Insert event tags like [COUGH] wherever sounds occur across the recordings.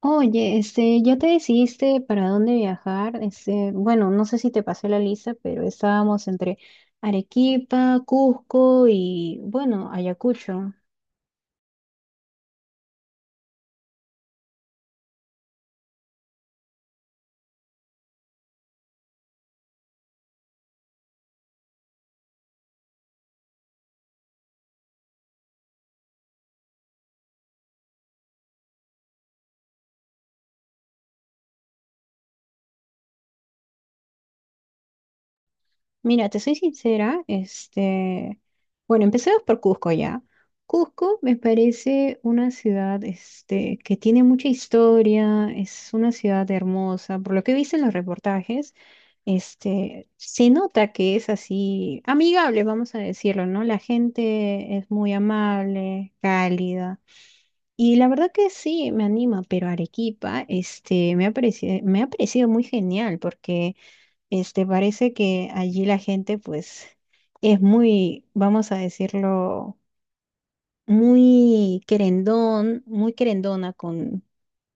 Oye, ¿ya te decidiste para dónde viajar? Bueno, no sé si te pasé la lista, pero estábamos entre Arequipa, Cusco y, bueno, Ayacucho. Mira, te soy sincera, bueno, empecemos por Cusco ya. Cusco me parece una ciudad, que tiene mucha historia, es una ciudad hermosa, por lo que he visto en los reportajes. Se nota que es así amigable, vamos a decirlo, ¿no? La gente es muy amable, cálida. Y la verdad que sí, me anima, pero Arequipa, me ha parecido muy genial porque, parece que allí la gente, pues, es muy, vamos a decirlo, muy querendón, muy querendona con,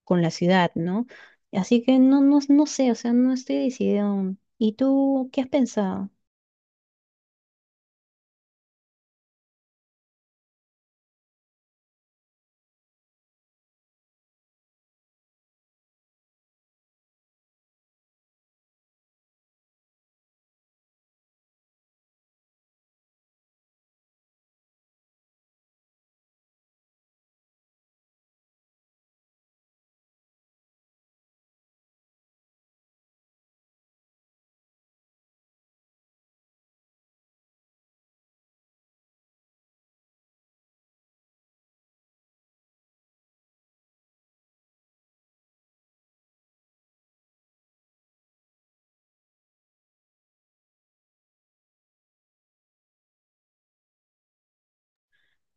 con la ciudad, ¿no? Así que no, no, no sé, o sea, no estoy decidida aún. ¿Y tú qué has pensado?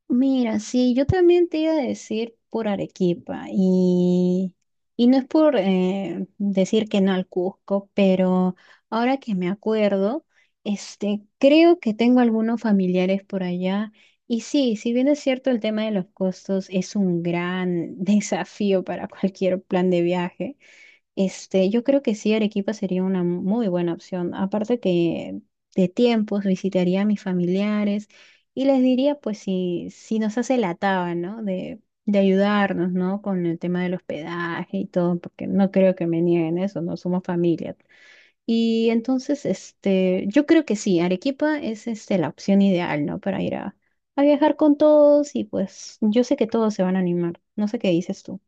Mira, sí, yo también te iba a decir por Arequipa y no es por decir que no al Cusco, pero ahora que me acuerdo, creo que tengo algunos familiares por allá y sí, si bien es cierto el tema de los costos es un gran [LAUGHS] desafío para cualquier plan de viaje. Yo creo que sí, Arequipa sería una muy buena opción. Aparte que de tiempos visitaría a mis familiares y les diría, pues, si, si nos hace la taba, ¿no? De ayudarnos, ¿no? Con el tema del hospedaje y todo, porque no creo que me nieguen eso, no somos familia. Y entonces, yo creo que sí, Arequipa es, la opción ideal, ¿no? Para ir a viajar con todos y pues yo sé que todos se van a animar. No sé qué dices tú.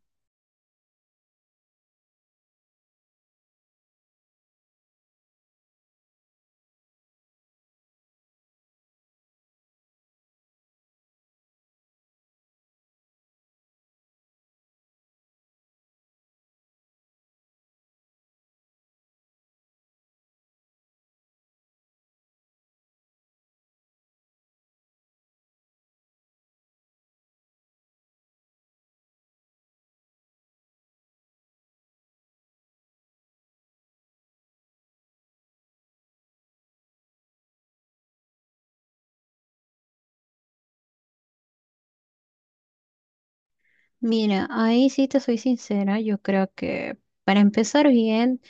Mira, ahí sí te soy sincera, yo creo que para empezar bien.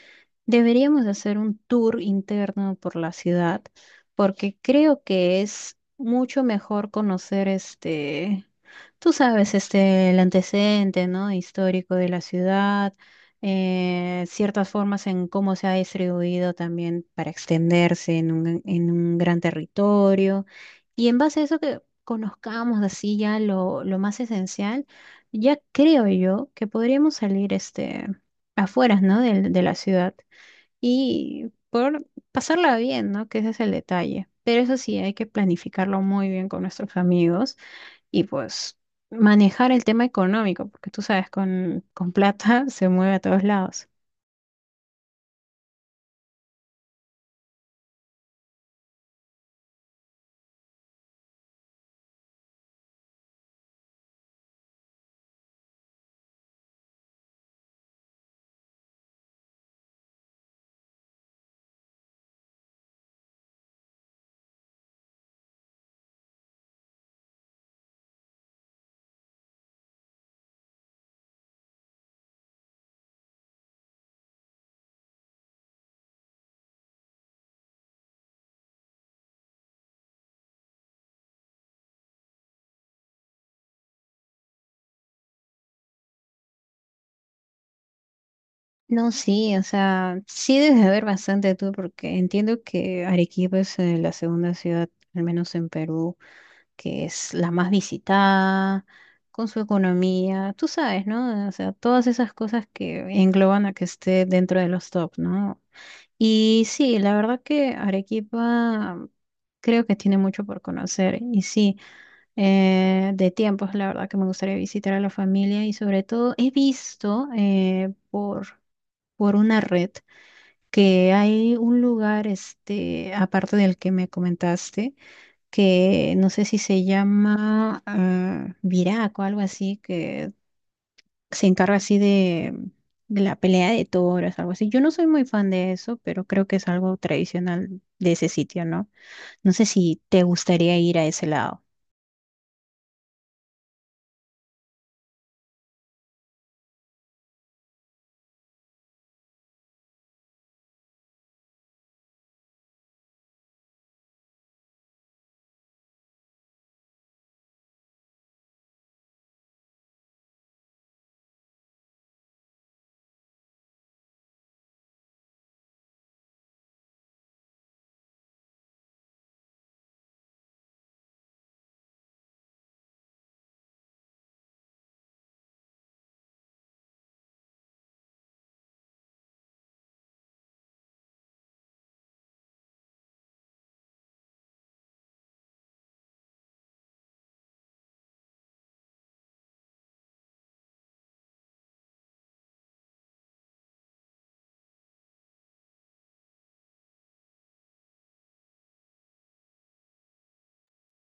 Deberíamos hacer un tour interno por la ciudad, porque creo que es mucho mejor conocer tú sabes, el antecedente, ¿no?, histórico de la ciudad, ciertas formas en cómo se ha distribuido también para extenderse en un, gran territorio. Y en base a eso que conozcamos así ya lo más esencial, ya creo yo que podríamos salir afueras, ¿no? De la ciudad y por pasarla bien, ¿no? Que ese es el detalle. Pero eso sí, hay que planificarlo muy bien con nuestros amigos y pues manejar el tema económico, porque tú sabes, con plata [LAUGHS] se mueve a todos lados. No, sí, o sea, sí debes de ver bastante tú, porque entiendo que Arequipa es la segunda ciudad, al menos en Perú, que es la más visitada, con su economía, tú sabes, ¿no? O sea, todas esas cosas que engloban a que esté dentro de los top, ¿no? Y sí, la verdad que Arequipa creo que tiene mucho por conocer. Y sí, de tiempos, la verdad que me gustaría visitar a la familia y sobre todo he visto por, una red que hay un lugar, aparte del que me comentaste, que no sé si se llama Viraco, algo así, que se encarga así de la pelea de toros, algo así. Yo no soy muy fan de eso, pero creo que es algo tradicional de ese sitio, ¿no? No sé si te gustaría ir a ese lado.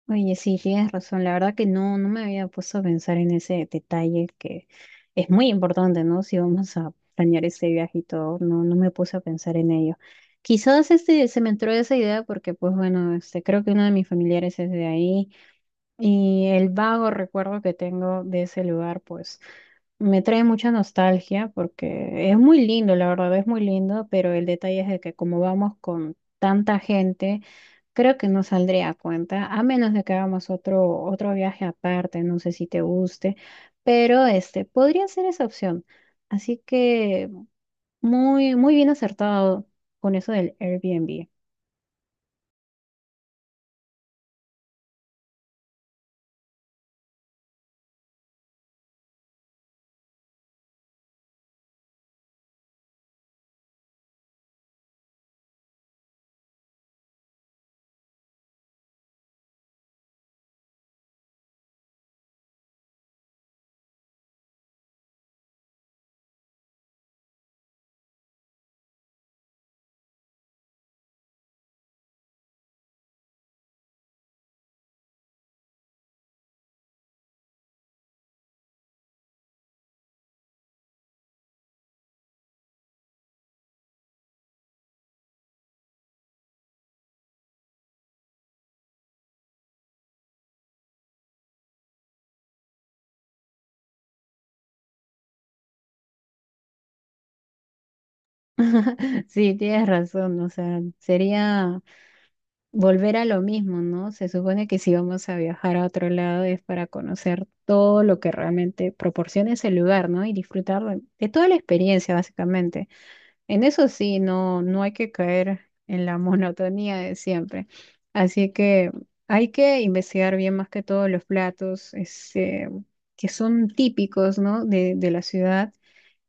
Oye, sí, tienes razón. La verdad que no, no me había puesto a pensar en ese detalle que es muy importante, ¿no? Si vamos a planear ese viaje y todo, no, no me puse a pensar en ello. Quizás se me entró esa idea porque, pues bueno, creo que uno de mis familiares es de ahí. Y el vago recuerdo que tengo de ese lugar, pues me trae mucha nostalgia porque es muy lindo, la verdad es muy lindo, pero el detalle es de que como vamos con tanta gente, creo que no saldría a cuenta, a menos de que hagamos otro viaje aparte, no sé si te guste, pero este podría ser esa opción. Así que muy, muy bien acertado con eso del Airbnb. [LAUGHS] Sí, tienes razón, o sea, sería volver a lo mismo, ¿no? Se supone que si vamos a viajar a otro lado es para conocer todo lo que realmente proporciona ese lugar, ¿no? Y disfrutar de toda la experiencia, básicamente. En eso sí, no, no hay que caer en la [LAUGHS] monotonía de siempre. Así que hay que investigar bien más que todos los platos, que son típicos, ¿no? De la ciudad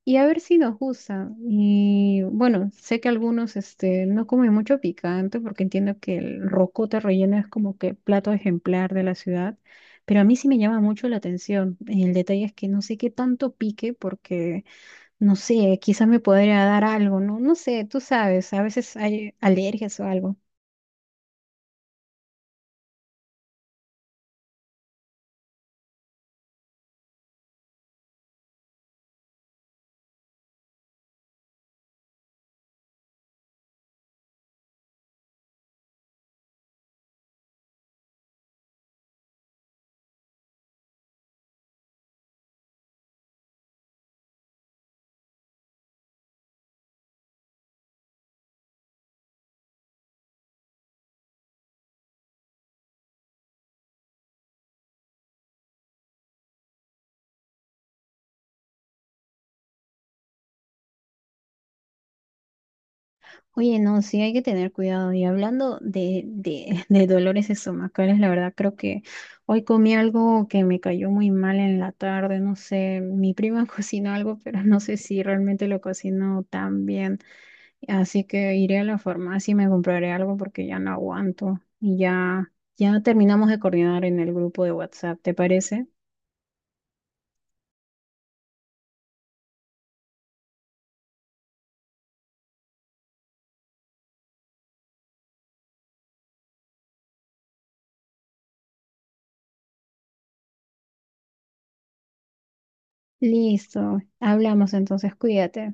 y a ver si nos gusta. Y bueno, sé que algunos no comen mucho picante porque entiendo que el rocoto relleno es como que plato ejemplar de la ciudad, pero a mí sí me llama mucho la atención. El detalle es que no sé qué tanto pique porque, no sé, quizás me podría dar algo, ¿no? No sé, tú sabes, a veces hay alergias o algo. Oye, no, sí hay que tener cuidado. Y hablando [LAUGHS] de dolores estomacales, la verdad creo que hoy comí algo que me cayó muy mal en la tarde. No sé, mi prima [LAUGHS] cocinó algo, pero no sé si realmente lo cocinó tan bien. Así que iré a la farmacia y me compraré algo porque ya no aguanto. Y ya terminamos de coordinar en el grupo de WhatsApp, ¿te parece? Listo, hablamos entonces, cuídate.